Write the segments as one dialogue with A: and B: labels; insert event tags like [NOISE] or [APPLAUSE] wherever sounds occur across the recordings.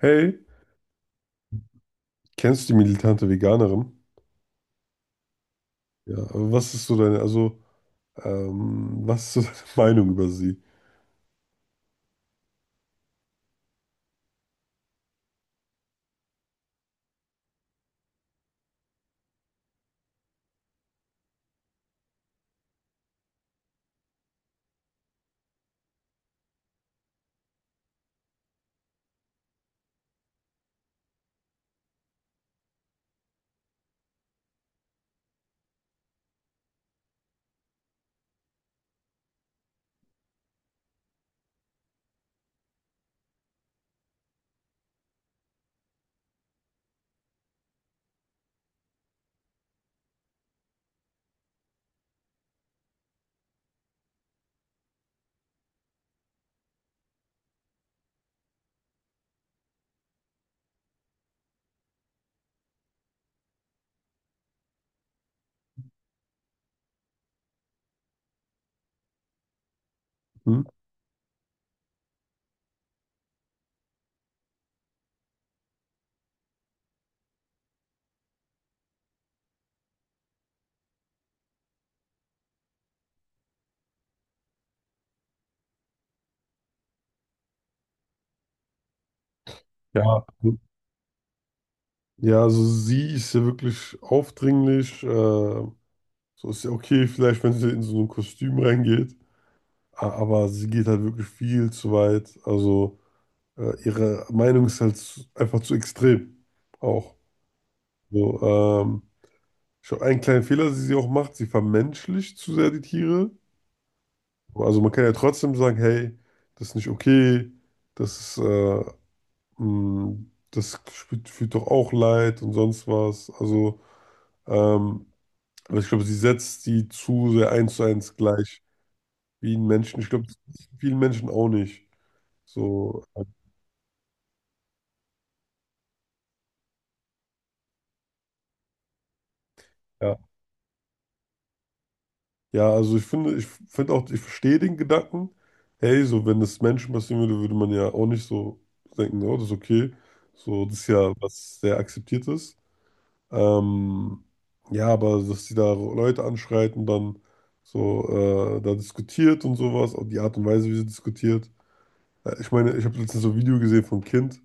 A: Hey, kennst du die militante Veganerin? Ja, aber was ist so deine, also, was ist so [LAUGHS] deine Meinung über sie? Hm? Ja. Ja, also sie ist ja wirklich aufdringlich. So ist ja okay, vielleicht, wenn sie in so ein Kostüm reingeht. Aber sie geht halt wirklich viel zu weit. Also ihre Meinung ist halt einfach zu extrem. Auch. So, ich glaub, einen kleinen Fehler, den sie auch macht, sie vermenschlicht zu sehr die Tiere. Also man kann ja trotzdem sagen, hey, das ist nicht okay, das ist, mh, das fühlt doch auch leid und sonst was. Also, ähm, aber ich glaube, sie setzt die zu sehr eins zu eins gleich wie ein Menschen. Ich glaube, das ist vielen Menschen auch nicht. So, ja. Ja, also ich finde auch, ich verstehe den Gedanken, hey, so wenn das Menschen passieren würde, würde man ja auch nicht so denken, oh, das ist okay. So, das ist ja was sehr akzeptiert ist. Ähm, ja, aber dass sie da Leute anschreit und dann so da diskutiert und sowas, und die Art und Weise, wie sie diskutiert. Ich meine, ich habe letztens so ein Video gesehen von einem Kind,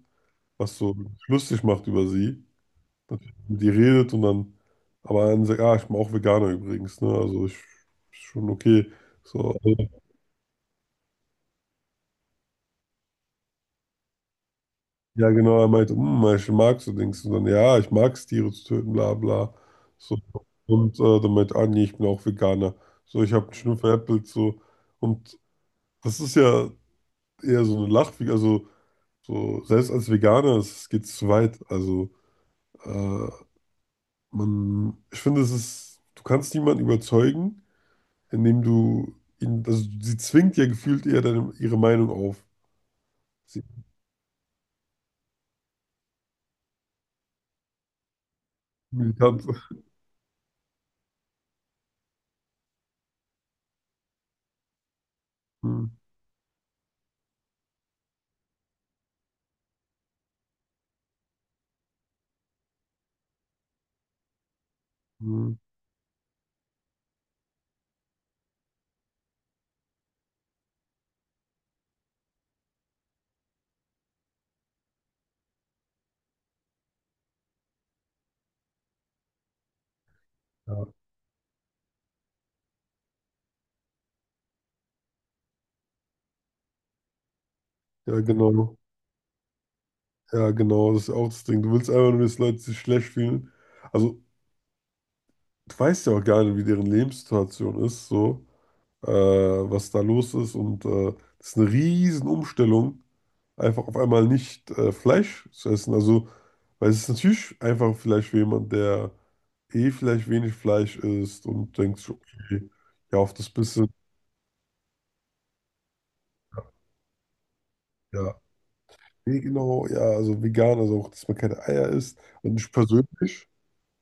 A: was so lustig macht über sie. Natürlich mit ihr redet und dann, aber dann sagt, ah, ich bin auch Veganer übrigens, ne? Also ich, ist schon okay. So. Ja, genau, er meinte, hm, ich mag so Dings. Und dann, ja, ich mag es, Tiere zu töten, bla bla. So. Und dann meinte, ah nee, ich bin auch Veganer. So, ich habe mich nur veräppelt, so. Und das ist ja eher so eine Lachfigur, also so, selbst als Veganer, es geht zu weit. Also, äh, man, ich finde, es ist, du kannst niemanden überzeugen, indem du ihn, also sie zwingt ja gefühlt eher deine, ihre Meinung auf. Sie militant. [LAUGHS] Hm, hm, ja, ja, genau. Ja, genau, das ist auch das Ding. Du willst einfach nur, dass Leute sich schlecht fühlen. Also, du weißt ja auch gar nicht, wie deren Lebenssituation ist, so, was da los ist. Und das ist eine riesen Umstellung, einfach auf einmal nicht Fleisch zu essen. Also, weil es ist natürlich einfach vielleicht für jemand, der eh vielleicht wenig Fleisch isst und denkt sich, okay, ja, auf das bisschen, ja, eh genau, ja, also vegan, also auch, dass man keine Eier isst. Und ich persönlich.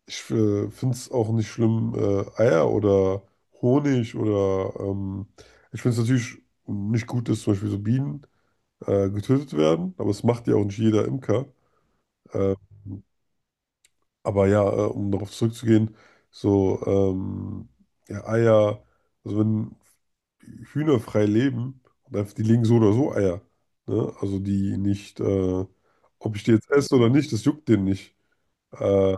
A: Ich finde es auch nicht schlimm, Eier oder Honig oder ich finde es natürlich nicht gut, dass zum Beispiel so Bienen getötet werden, aber es macht ja auch nicht jeder Imker. Äh, aber ja, um darauf zurückzugehen, so ja, Eier, also wenn Hühner frei leben, und einfach, die legen so oder so Eier. Ne? Also die nicht, ob ich die jetzt esse oder nicht, das juckt denen nicht. Äh,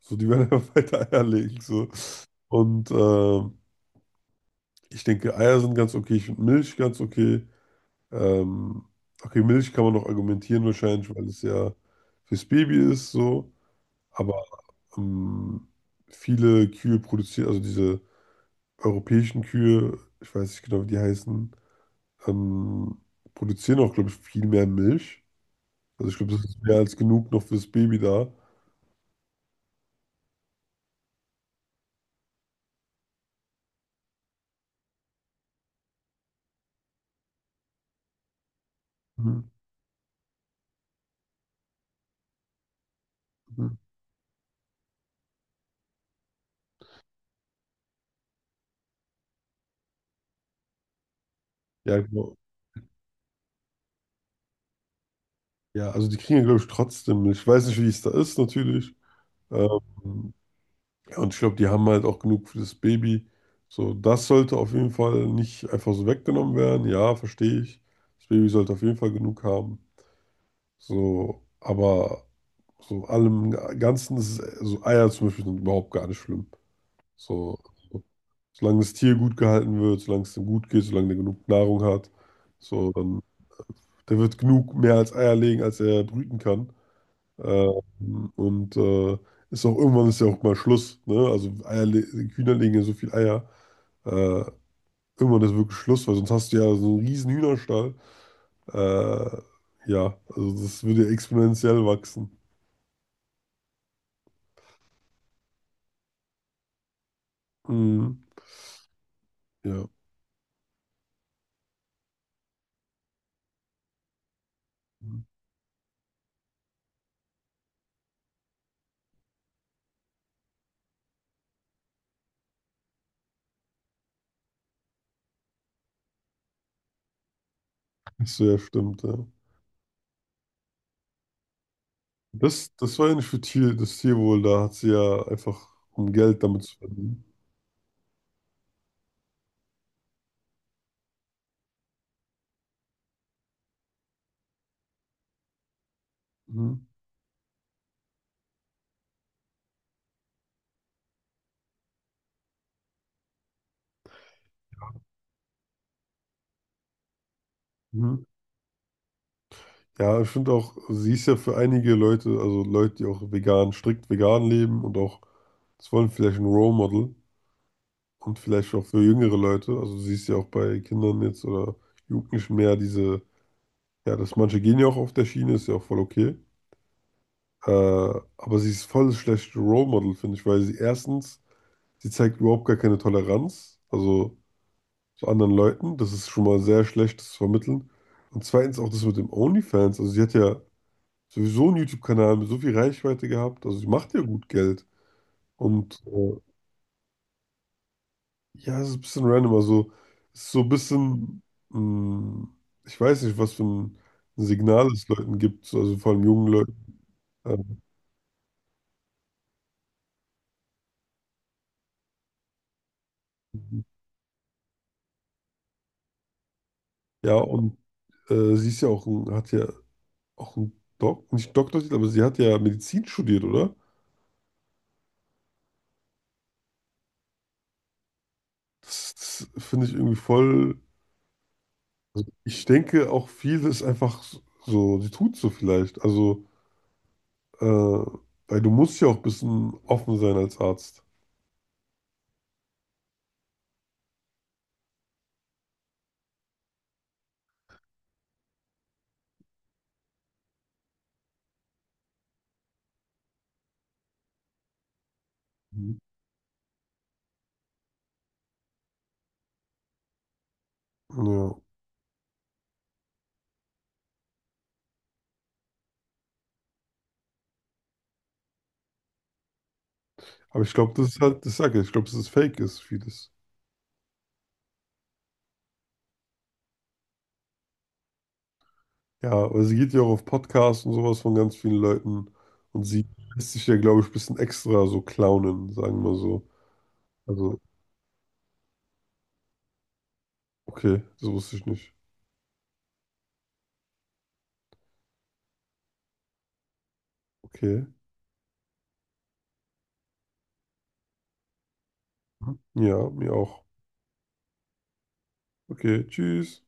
A: so, die werden [LAUGHS] einfach weiter Eier legen. So. Und ich denke, Eier sind ganz okay. Ich finde Milch ganz okay. Ähm, okay, Milch kann man noch argumentieren wahrscheinlich, weil es ja fürs Baby ist so. Aber ähm, viele Kühe produzieren, also diese europäischen Kühe, ich weiß nicht genau, wie die heißen, ähm, produzieren auch, glaube ich, viel mehr Milch. Also ich glaube, das ist mehr als genug noch fürs Baby da. Mhm. Mhm. Ja, genau. Ja, also die kriegen ja, glaube ich, trotzdem Milch. Ich weiß nicht, wie es da ist, natürlich. Ähm, Und ich glaube, die haben halt auch genug für das Baby. So, das sollte auf jeden Fall nicht einfach so weggenommen werden. Ja, verstehe ich. Das Baby sollte auf jeden Fall genug haben. So, aber so allem Ganzen ist es, so Eier zum Beispiel sind überhaupt gar nicht schlimm. So, solange das Tier gut gehalten wird, solange es ihm gut geht, solange der genug Nahrung hat, so, dann, der wird genug mehr als Eier legen, als er brüten kann. Und ist auch irgendwann ist ja auch mal Schluss, ne? Also Eier, Hühner legen ja so viel Eier. Äh, irgendwann ist wirklich Schluss, weil sonst hast du ja so einen riesen Hühnerstall. Äh, ja, also das würde ja exponentiell wachsen. Mhm. Ja. Das so, ja, stimmt, ja. Das war ja nicht für Tier, das Tierwohl, da hat sie ja einfach um Geld damit zu verdienen. Mhm. Mhm. Ja, ich finde auch, sie ist ja für einige Leute, also Leute, die auch vegan, strikt vegan leben und auch, das wollen vielleicht ein Role Model und vielleicht auch für jüngere Leute. Also sie ist ja auch bei Kindern jetzt oder Jugendlichen mehr diese, ja, dass manche gehen ja auch auf der Schiene, ist ja auch voll okay. Aber sie ist voll das schlechte Role Model, finde ich, weil sie erstens, sie zeigt überhaupt gar keine Toleranz, also zu anderen Leuten. Das ist schon mal sehr schlecht, das zu vermitteln. Und zweitens auch das mit dem OnlyFans. Also sie hat ja sowieso einen YouTube-Kanal mit so viel Reichweite gehabt. Also sie macht ja gut Geld. Und ja, es ist ein bisschen random. Also es ist so ein bisschen, mh, ich weiß nicht, was für ein Signal es Leuten gibt, so, also vor allem jungen Leuten. Ähm, ja, und sie ist ja auch ein, hat ja auch einen Dok nicht Doktortitel, aber sie hat ja Medizin studiert, oder? Das, das finde ich irgendwie voll. Ich denke auch viel ist einfach so, sie tut so vielleicht. Also Äh, weil du musst ja auch ein bisschen offen sein als Arzt. Mhm. Ja. Aber ich glaube, das ist halt, das sage ich, ich glaube, dass es fake ist, vieles. Ja, aber sie geht ja auch auf Podcasts und sowas von ganz vielen Leuten. Und sie lässt sich ja, glaube ich, ein bisschen extra so clownen, sagen wir so. Also, okay, das wusste ich nicht. Okay. Ja, mir auch. Okay, tschüss.